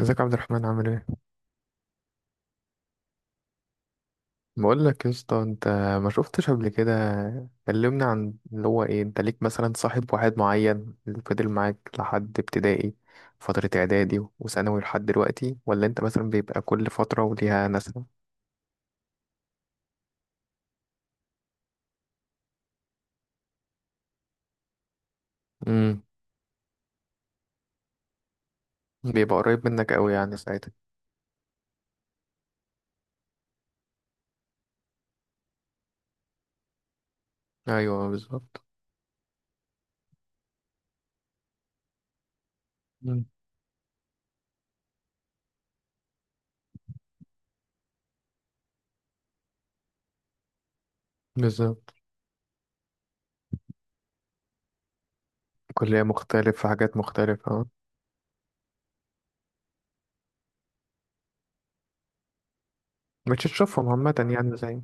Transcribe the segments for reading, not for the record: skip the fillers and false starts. ازيك يا عبد الرحمن، عامل ايه؟ بقول لك يا اسطى، انت ما شفتش قبل كده كلمنا عن اللي هو ايه، انت ليك مثلا صاحب واحد معين اللي فضل معاك لحد ابتدائي، فترة اعدادي وثانوي لحد دلوقتي، ولا انت مثلا بيبقى كل فترة وليها ناسها؟ امم بيبقى قريب منك قوي يعني ساعتها. ايوه، بالظبط. مم. بالظبط. كلية مختلفة، حاجات مختلفة. اه. مش هتشوفهم عامة يعني، زي.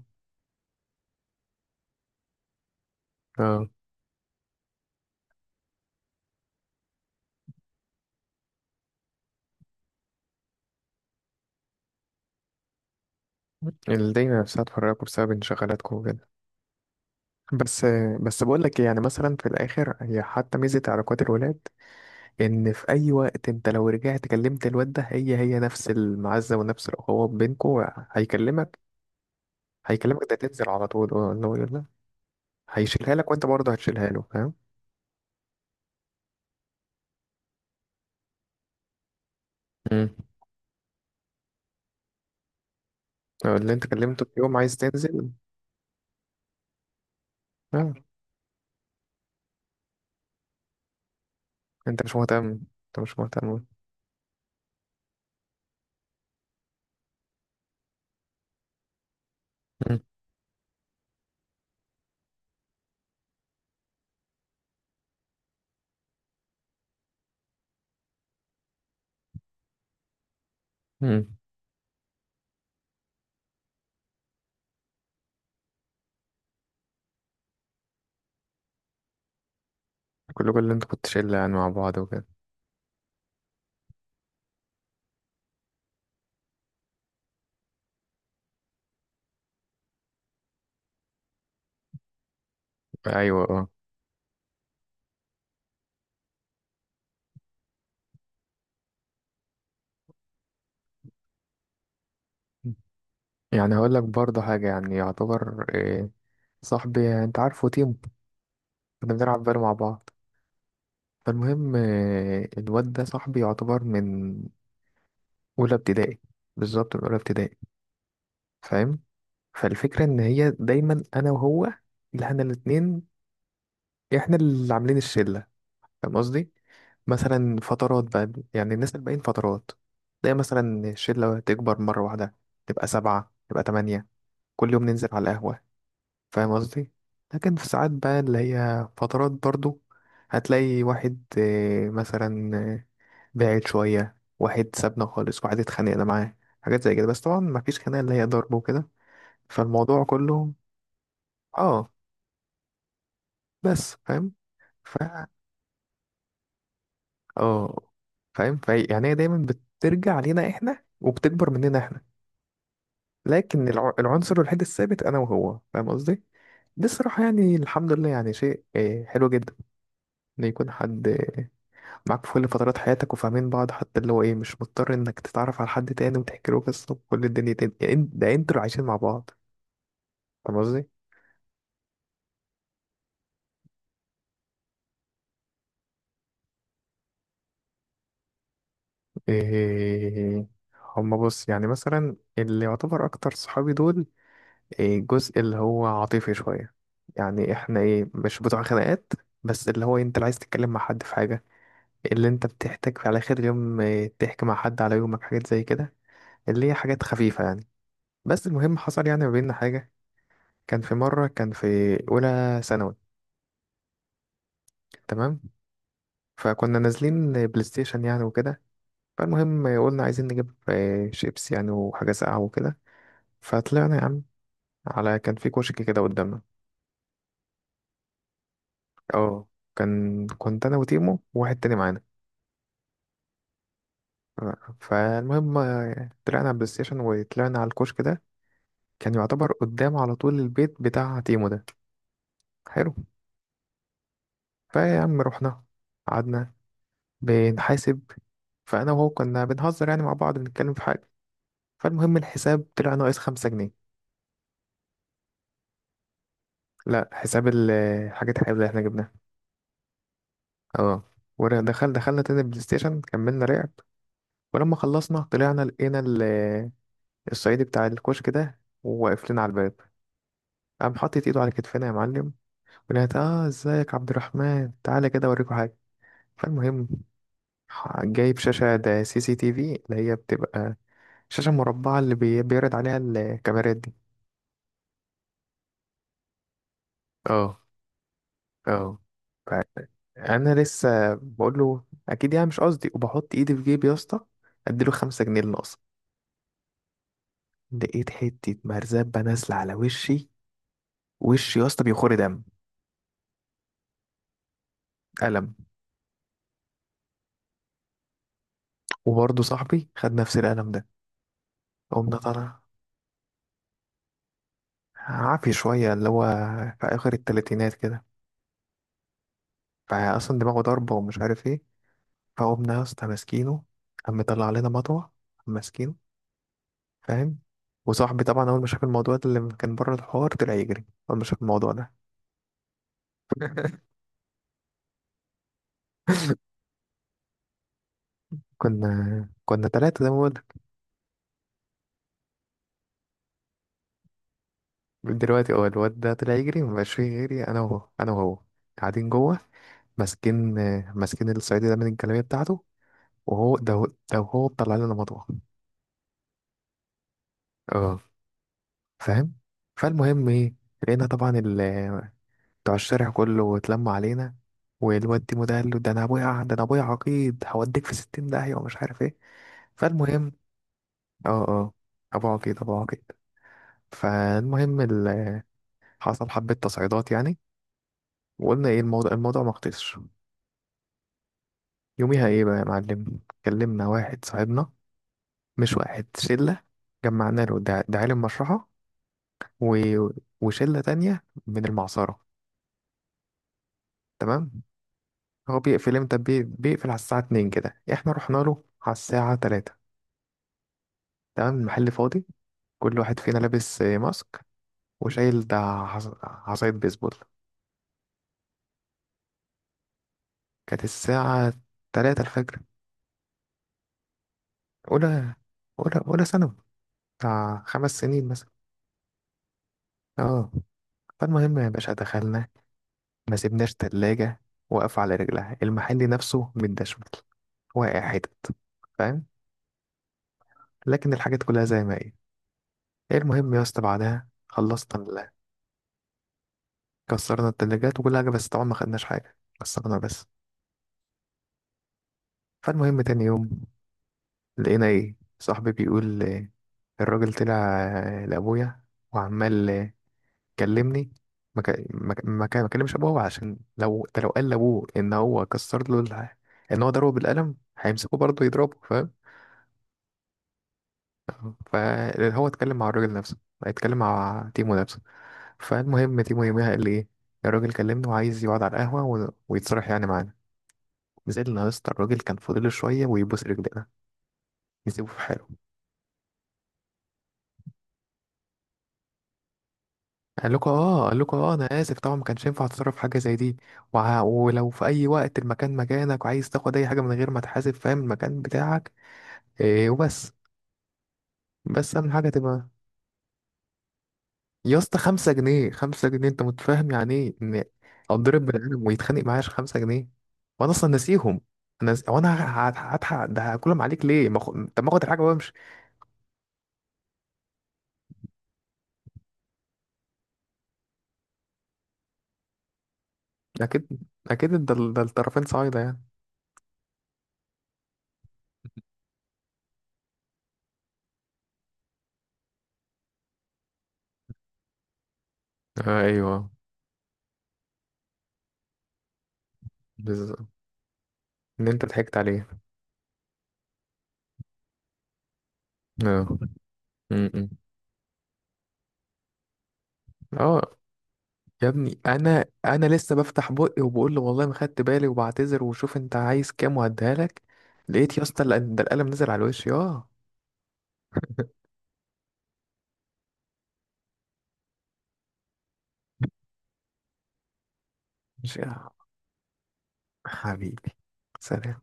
اه. الدنيا نفسها تفرقكوا بسبب انشغالاتكم وكده. بس بس بقول لك إيه، يعني مثلا في الاخر هي حتى ميزه علاقات الولاد، ان في اي وقت انت لو رجعت كلمت الواد ده هي نفس المعزه ونفس الاخوه بينكو. هيكلمك هيكلمك، ده تنزل على طول. اه، اللي هو يقول لك، هيشيلها لك وانت برضه هتشيلها له، فاهم؟ امم اللي انت كلمته في يوم عايز تنزل. اه. انت مش مهتم، انت مش مهتم. امم امم كل اللي انت كنت شله يعني مع بعض وكده. ايوه، اه. يعني هقول لك برضه حاجه يعني، يعتبر إيه، صاحبي، انت عارفه تيمو؟ كنا بنلعب فالو مع بعض. فالمهم، الواد ده صاحبي يعتبر من أولى ابتدائي. بالظبط، من أولى ابتدائي، فاهم؟ فالفكرة إن هي دايما أنا وهو، اللي احنا الاتنين، احنا اللي عاملين الشلة، فاهم قصدي؟ مثلا فترات بقى يعني، الناس الباقيين فترات، تلاقي مثلا الشلة تكبر مرة واحدة، تبقى سبعة، تبقى تمانية، كل يوم ننزل على القهوة، فاهم قصدي؟ لكن في ساعات بقى اللي هي فترات برضو هتلاقي واحد، مثلا بعيد شوية، واحد سابنا خالص، واحد اتخانقنا معاه، حاجات زي كده، بس طبعا مفيش خناقة اللي هي ضرب وكده. فالموضوع كله، اه، بس فاهم. ف اه. فاهم. يعني هي دايما بترجع علينا احنا وبتكبر مننا احنا. لكن العنصر الوحيد الثابت انا وهو، فاهم قصدي؟ دي الصراحة يعني الحمد لله، يعني شيء حلو جدا. ان يكون حد معاك في كل فترات حياتك وفاهمين بعض، حتى اللي هو ايه، مش مضطر انك تتعرف على حد تاني وتحكي له قصة وكل الدنيا تاني يعني، ده انتوا اللي عايشين مع بعض، فاهم قصدي؟ إيه، هما بص يعني مثلا اللي يعتبر أكتر صحابي دول، إيه، الجزء اللي هو عاطفي شوية. يعني إحنا إيه، مش بتوع خناقات. بس اللي هو أنت اللي عايز تتكلم مع حد في حاجة، اللي أنت بتحتاج على آخر اليوم إيه، تحكي مع حد على يومك، حاجات زي كده، اللي هي حاجات خفيفة يعني. بس المهم، حصل يعني ما بيننا حاجة. كان في مرة، كان في أولى ثانوي، تمام؟ فكنا نازلين بلاي ستيشن يعني وكده. فالمهم، قلنا عايزين نجيب إيه، شيبس يعني وحاجة ساقعة وكده. فطلعنا يا عم، على كان في كشك كده قدامنا. اه، كنت انا وتيمو وواحد تاني معانا. فالمهم، طلعنا على البلاي ستيشن، وطلعنا على الكشك ده. كان يعتبر قدام على طول البيت بتاع تيمو ده. حلو. فيا عم رحنا، قعدنا بنحاسب. فانا وهو كنا بنهزر يعني مع بعض، بنتكلم في حاجه. فالمهم الحساب طلع ناقص 5 جنيه. لا، حساب حاجة حلوة اللي احنا جبناها. اه. دخلنا تاني البلاي ستيشن، كملنا لعب. ولما خلصنا طلعنا، لقينا الصعيدي بتاع الكشك ده وواقف لنا على الباب. قام حاطط ايده على كتفنا، يا معلم. ولقيت ازيك عبد الرحمن، تعالى كده اوريكوا حاجه. فالمهم جايب شاشه، ده سي سي تي في، اللي هي بتبقى شاشه مربعه اللي بيعرض عليها الكاميرات دي. اه، اه. فانا لسه بقول له اكيد يعني مش قصدي، وبحط ايدي في جيبي يا اسطى اديله 5 جنيه اللي ناقصه. لقيت حته مرزبه نازله على وشي. وشي يا اسطى بيخور دم. قلم. وبرضه صاحبي خد نفس القلم ده. قمنا طالع، عافي شوية، اللي هو في آخر التلاتينات كده. فأصلا دماغه ضربة ومش عارف ايه. فقمنا يا اسطى ماسكينه. قام مطلع علينا مطوة. قام ماسكينه، فاهم؟ وصاحبي طبعا أول ما شاف الموضوع ده اللي كان بره الحوار طلع يجري. أول ما شاف الموضوع ده، كنا تلاتة زي ما بقولك دلوقتي. اه الواد ده طلع يجري، مبقاش فيه غيري أنا وهو، أنا وهو قاعدين جوه. ماسكين ماسكين الصعيدي ده من الجلابية بتاعته. وهو ده، وهو مطلع لنا مطوة. اه، فاهم. فالمهم ايه، لقينا طبعا بتوع الشارع كله واتلموا علينا. والواد ديمو ده قال له ده انا ابويا عقيد، هوديك في 60 داهية ومش عارف ايه. فالمهم اه اه، ابو عقيد، ابو عقيد. فالمهم حصل حبة تصعيدات يعني. وقلنا ايه الموضوع، الموضوع ما خلصش. يوميها ايه بقى يا معلم، كلمنا واحد صاحبنا، مش واحد، شلة. جمعنا له ده، عالم مشرحة، و... وشلة تانية من المعصرة، تمام. هو بيقفل امتى؟ بيقفل على الساعة 2 كده، احنا رحنا له على الساعة 3. تمام المحل فاضي. كل واحد فينا لابس ماسك، وشايل ده عصاية بيسبول. كانت الساعة 3 الفجر. أولى، أولى ثانوي، بتاع 5 سنين مثلا. اه. فالمهم يا باشا دخلنا، ما سيبناش تلاجة واقفة على رجلها، المحل نفسه متدشمل واقع حتت، فاهم. لكن الحاجات كلها زي ما هي. المهم يا اسطى بعدها خلصنا. كسرنا التلاجات وكل حاجة، بس طبعا ما خدناش حاجة، كسرنا بس. فالمهم تاني يوم لقينا ايه، صاحبي بيقول الراجل طلع، لأبويا وعمال كلمني. ما كلمش أبوه عشان لو ده، لو قال لأبوه إن هو كسر له إن هو ضربه بالقلم هيمسكه برضه يضربه، فاهم. فهو اتكلم مع الراجل نفسه، اتكلم مع تيمو نفسه. فالمهم تيمو يوميها قال لي ايه، الراجل كلمني وعايز يقعد على القهوة ويتصالح يعني معانا. نزلنا يا اسطى، الراجل كان فاضل شويه ويبوس رجلنا نسيبه في حاله. قال لكم اه انا اسف، طبعا ما كانش ينفع اتصرف في حاجه زي دي. ولو في اي وقت المكان مكانك، وعايز تاخد اي حاجه من غير ما تحاسب، فاهم، المكان بتاعك. إيه وبس. بس اهم حاجه تبقى. يا اسطى 5 جنيه، 5 جنيه، انت متفاهم يعني ايه ان اتضرب بني ادم ويتخانق معايا عشان 5 جنيه؟ وانا اصلا ناسيهم. انا ز- وانا ه- ه- هضحك، ده هاكلهم عليك ليه؟ ما خ... طب ما اخد الحاجه وامشي. اكيد، اكيد. ده ده الطرفين صعيده يعني. آه، ايوه، بالظبط. ان انت ضحكت عليه. اه. م-م. اه، يا ابني، انا لسه بفتح بقي وبقول له والله ما خدت بالي، وبعتذر وشوف انت عايز كام وهديها لك. لقيت يا اسطى ده القلم نزل على الوش. اه. مش- آه، حبيبي، سلام.